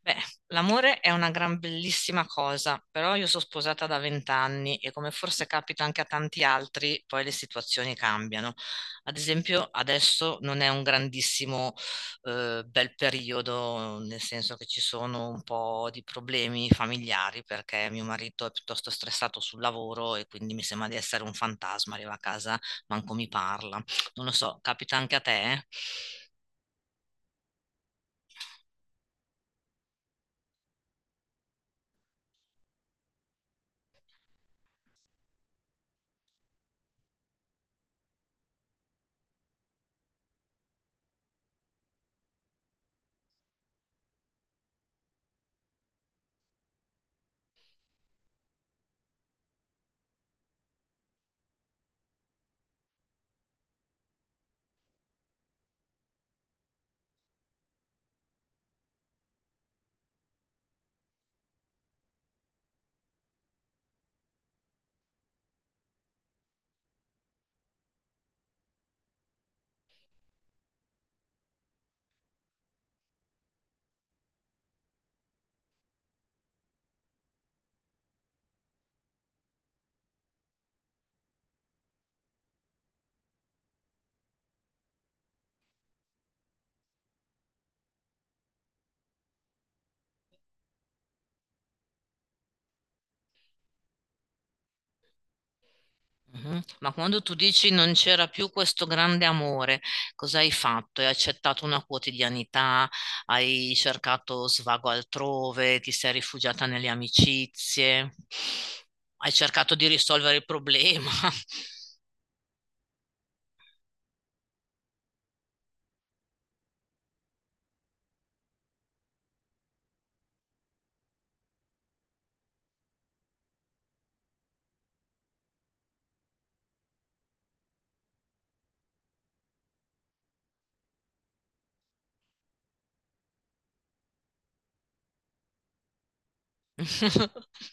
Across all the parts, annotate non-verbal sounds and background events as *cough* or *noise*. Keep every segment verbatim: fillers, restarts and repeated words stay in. Beh, l'amore è una gran bellissima cosa, però io sono sposata da vent'anni e come forse capita anche a tanti altri, poi le situazioni cambiano. Ad esempio, adesso non è un grandissimo eh, bel periodo, nel senso che ci sono un po' di problemi familiari perché mio marito è piuttosto stressato sul lavoro e quindi mi sembra di essere un fantasma, arriva a casa, manco mi parla. Non lo so, capita anche a te? Mh-mh. Ma quando tu dici: "Non c'era più questo grande amore", cos'hai fatto? Hai accettato una quotidianità, hai cercato svago altrove, ti sei rifugiata nelle amicizie, hai cercato di risolvere il problema. *laughs*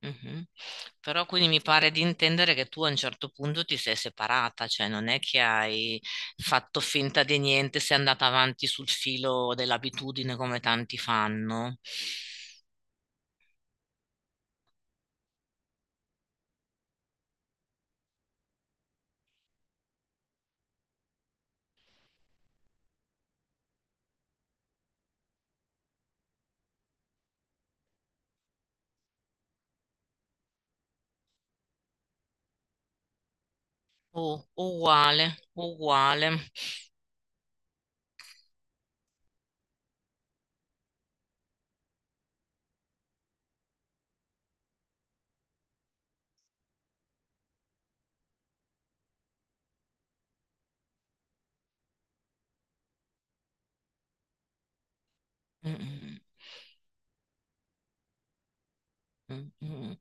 Mh-mh. Però quindi mi pare di intendere che tu a un certo punto ti sei separata, cioè non è che hai fatto finta di niente, sei andata avanti sul filo dell'abitudine come tanti fanno. U- uguale, uguale. Mm, mm, mm, mm, mm.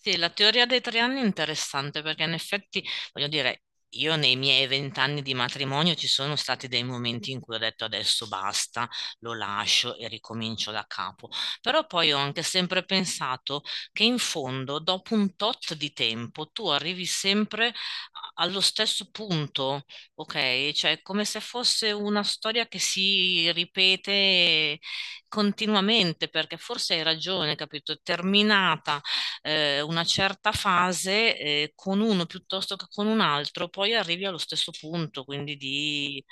Sì, la teoria dei tre anni è interessante perché in effetti, voglio dire, io nei miei vent'anni di matrimonio ci sono stati dei momenti in cui ho detto adesso basta, lo lascio e ricomincio da capo. Però poi ho anche sempre pensato che in fondo, dopo un tot di tempo, tu arrivi sempre allo stesso punto, ok? Cioè, è come se fosse una storia che si ripete continuamente, perché forse hai ragione, capito? Terminata eh, una certa fase eh, con uno piuttosto che con un altro, poi arrivi allo stesso punto, quindi di...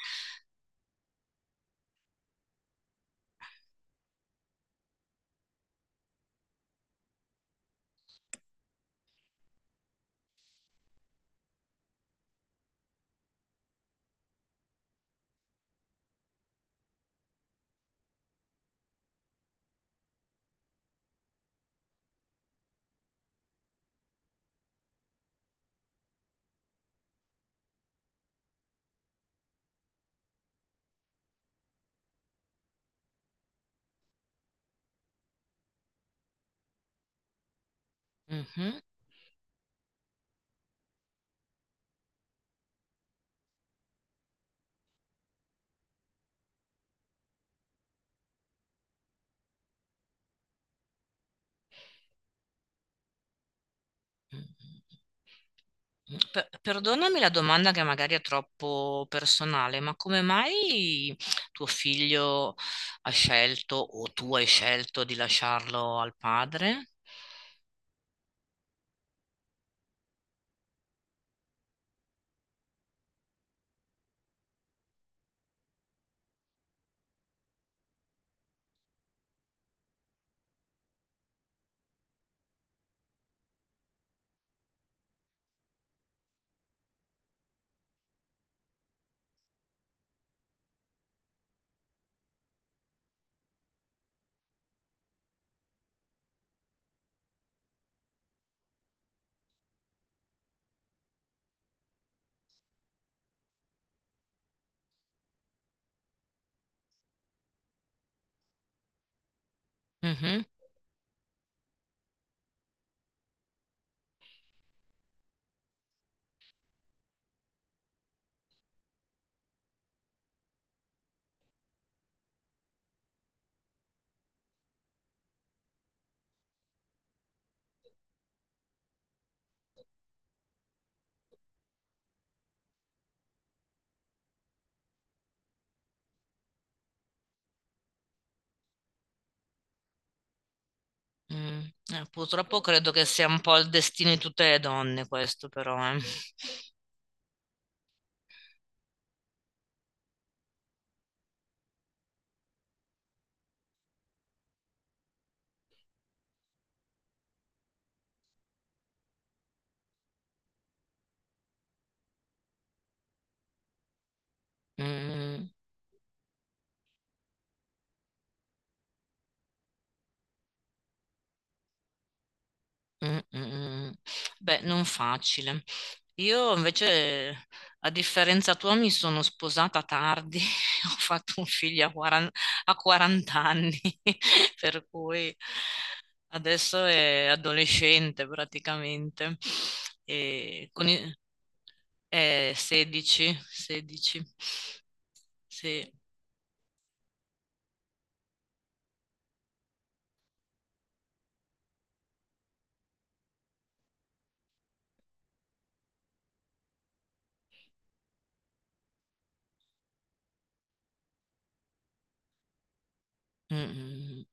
Mhm. Per- Perdonami la domanda che magari è troppo personale, ma come mai tuo figlio ha scelto o tu hai scelto di lasciarlo al padre? Mm, eh, purtroppo credo che sia un po' il destino di tutte le donne questo però, eh. Mm, mm, mm, mm, mm. Beh, non facile. Io invece, a differenza tua, mi sono sposata tardi, *laughs* ho fatto un figlio a quaranta, a quaranta anni, *laughs* per cui adesso è adolescente praticamente, e con i- è sedici, sedici, sì. Mh-mh.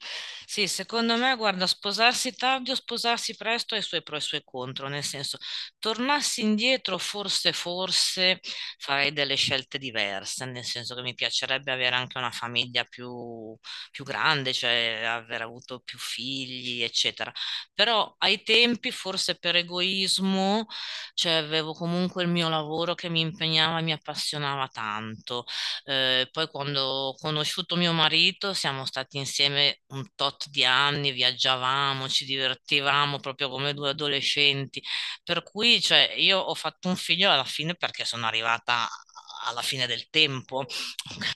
Sì, secondo me guarda, sposarsi tardi o sposarsi presto ha i suoi pro e i suoi contro, nel senso, tornassi indietro forse, forse farei delle scelte diverse, nel senso che mi piacerebbe avere anche una famiglia più più grande, cioè aver avuto più figli, eccetera. Però ai tempi, forse per egoismo, cioè avevo comunque il mio lavoro che mi impegnava e mi appassionava tanto. Eh, poi quando ho conosciuto mio marito siamo stati insieme un tot di anni, viaggiavamo, ci divertivamo proprio come due adolescenti, per cui cioè, io ho fatto un figlio alla fine perché sono arrivata alla fine del tempo. *laughs* Ok?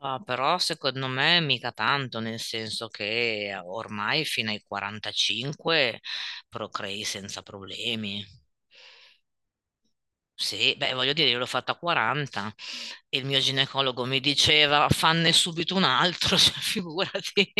Ah, però secondo me mica tanto, nel senso che ormai fino ai quarantacinque procrei senza problemi. Sì, beh, voglio dire, io l'ho fatta a quaranta e il mio ginecologo mi diceva fanne subito un altro, *laughs* cioè, figurati.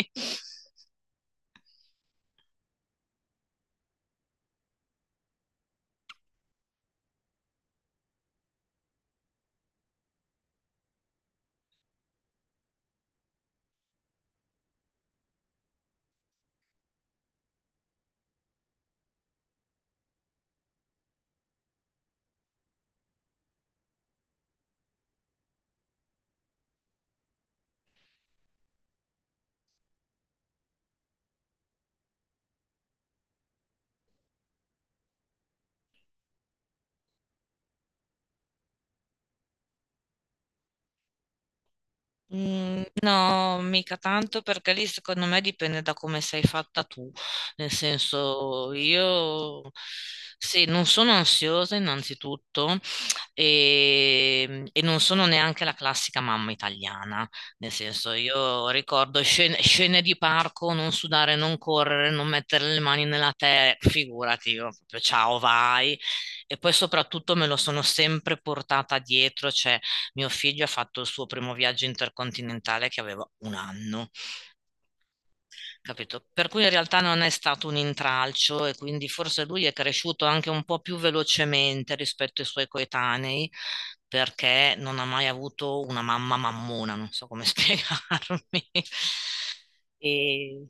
Mm, no, mica tanto perché lì secondo me dipende da come sei fatta tu. Nel senso, io sì, non sono ansiosa innanzitutto e, e non sono neanche la classica mamma italiana. Nel senso, io ricordo scene, scene di parco, non sudare, non correre, non mettere le mani nella terra, figurati, io proprio ciao, vai. E poi soprattutto me lo sono sempre portata dietro, cioè mio figlio ha fatto il suo primo viaggio intercontinentale che aveva un anno, capito? Per cui in realtà non è stato un intralcio e quindi forse lui è cresciuto anche un po' più velocemente rispetto ai suoi coetanei perché non ha mai avuto una mamma mammona, non so come *laughs* spiegarmi. E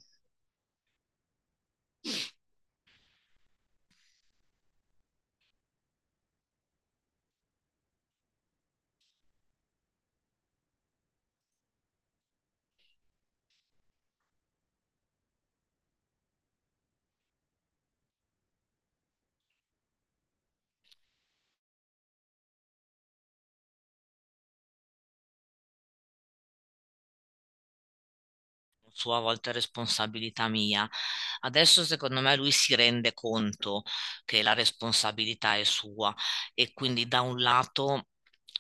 sua a volte responsabilità mia. Adesso secondo me lui si rende conto che la responsabilità è sua e quindi da un lato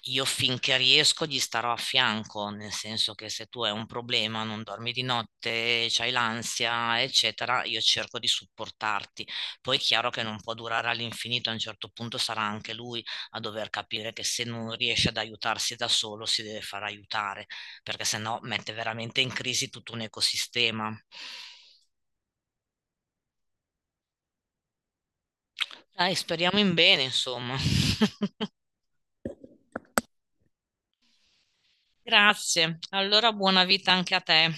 io finché riesco gli starò a fianco, nel senso che se tu hai un problema, non dormi di notte, c'hai l'ansia, eccetera, io cerco di supportarti. Poi è chiaro che non può durare all'infinito, a un certo punto sarà anche lui a dover capire che se non riesce ad aiutarsi da solo si deve far aiutare perché sennò mette veramente in crisi tutto un ecosistema. Dai, speriamo in bene, insomma. *laughs* Grazie. Allora buona vita anche a te.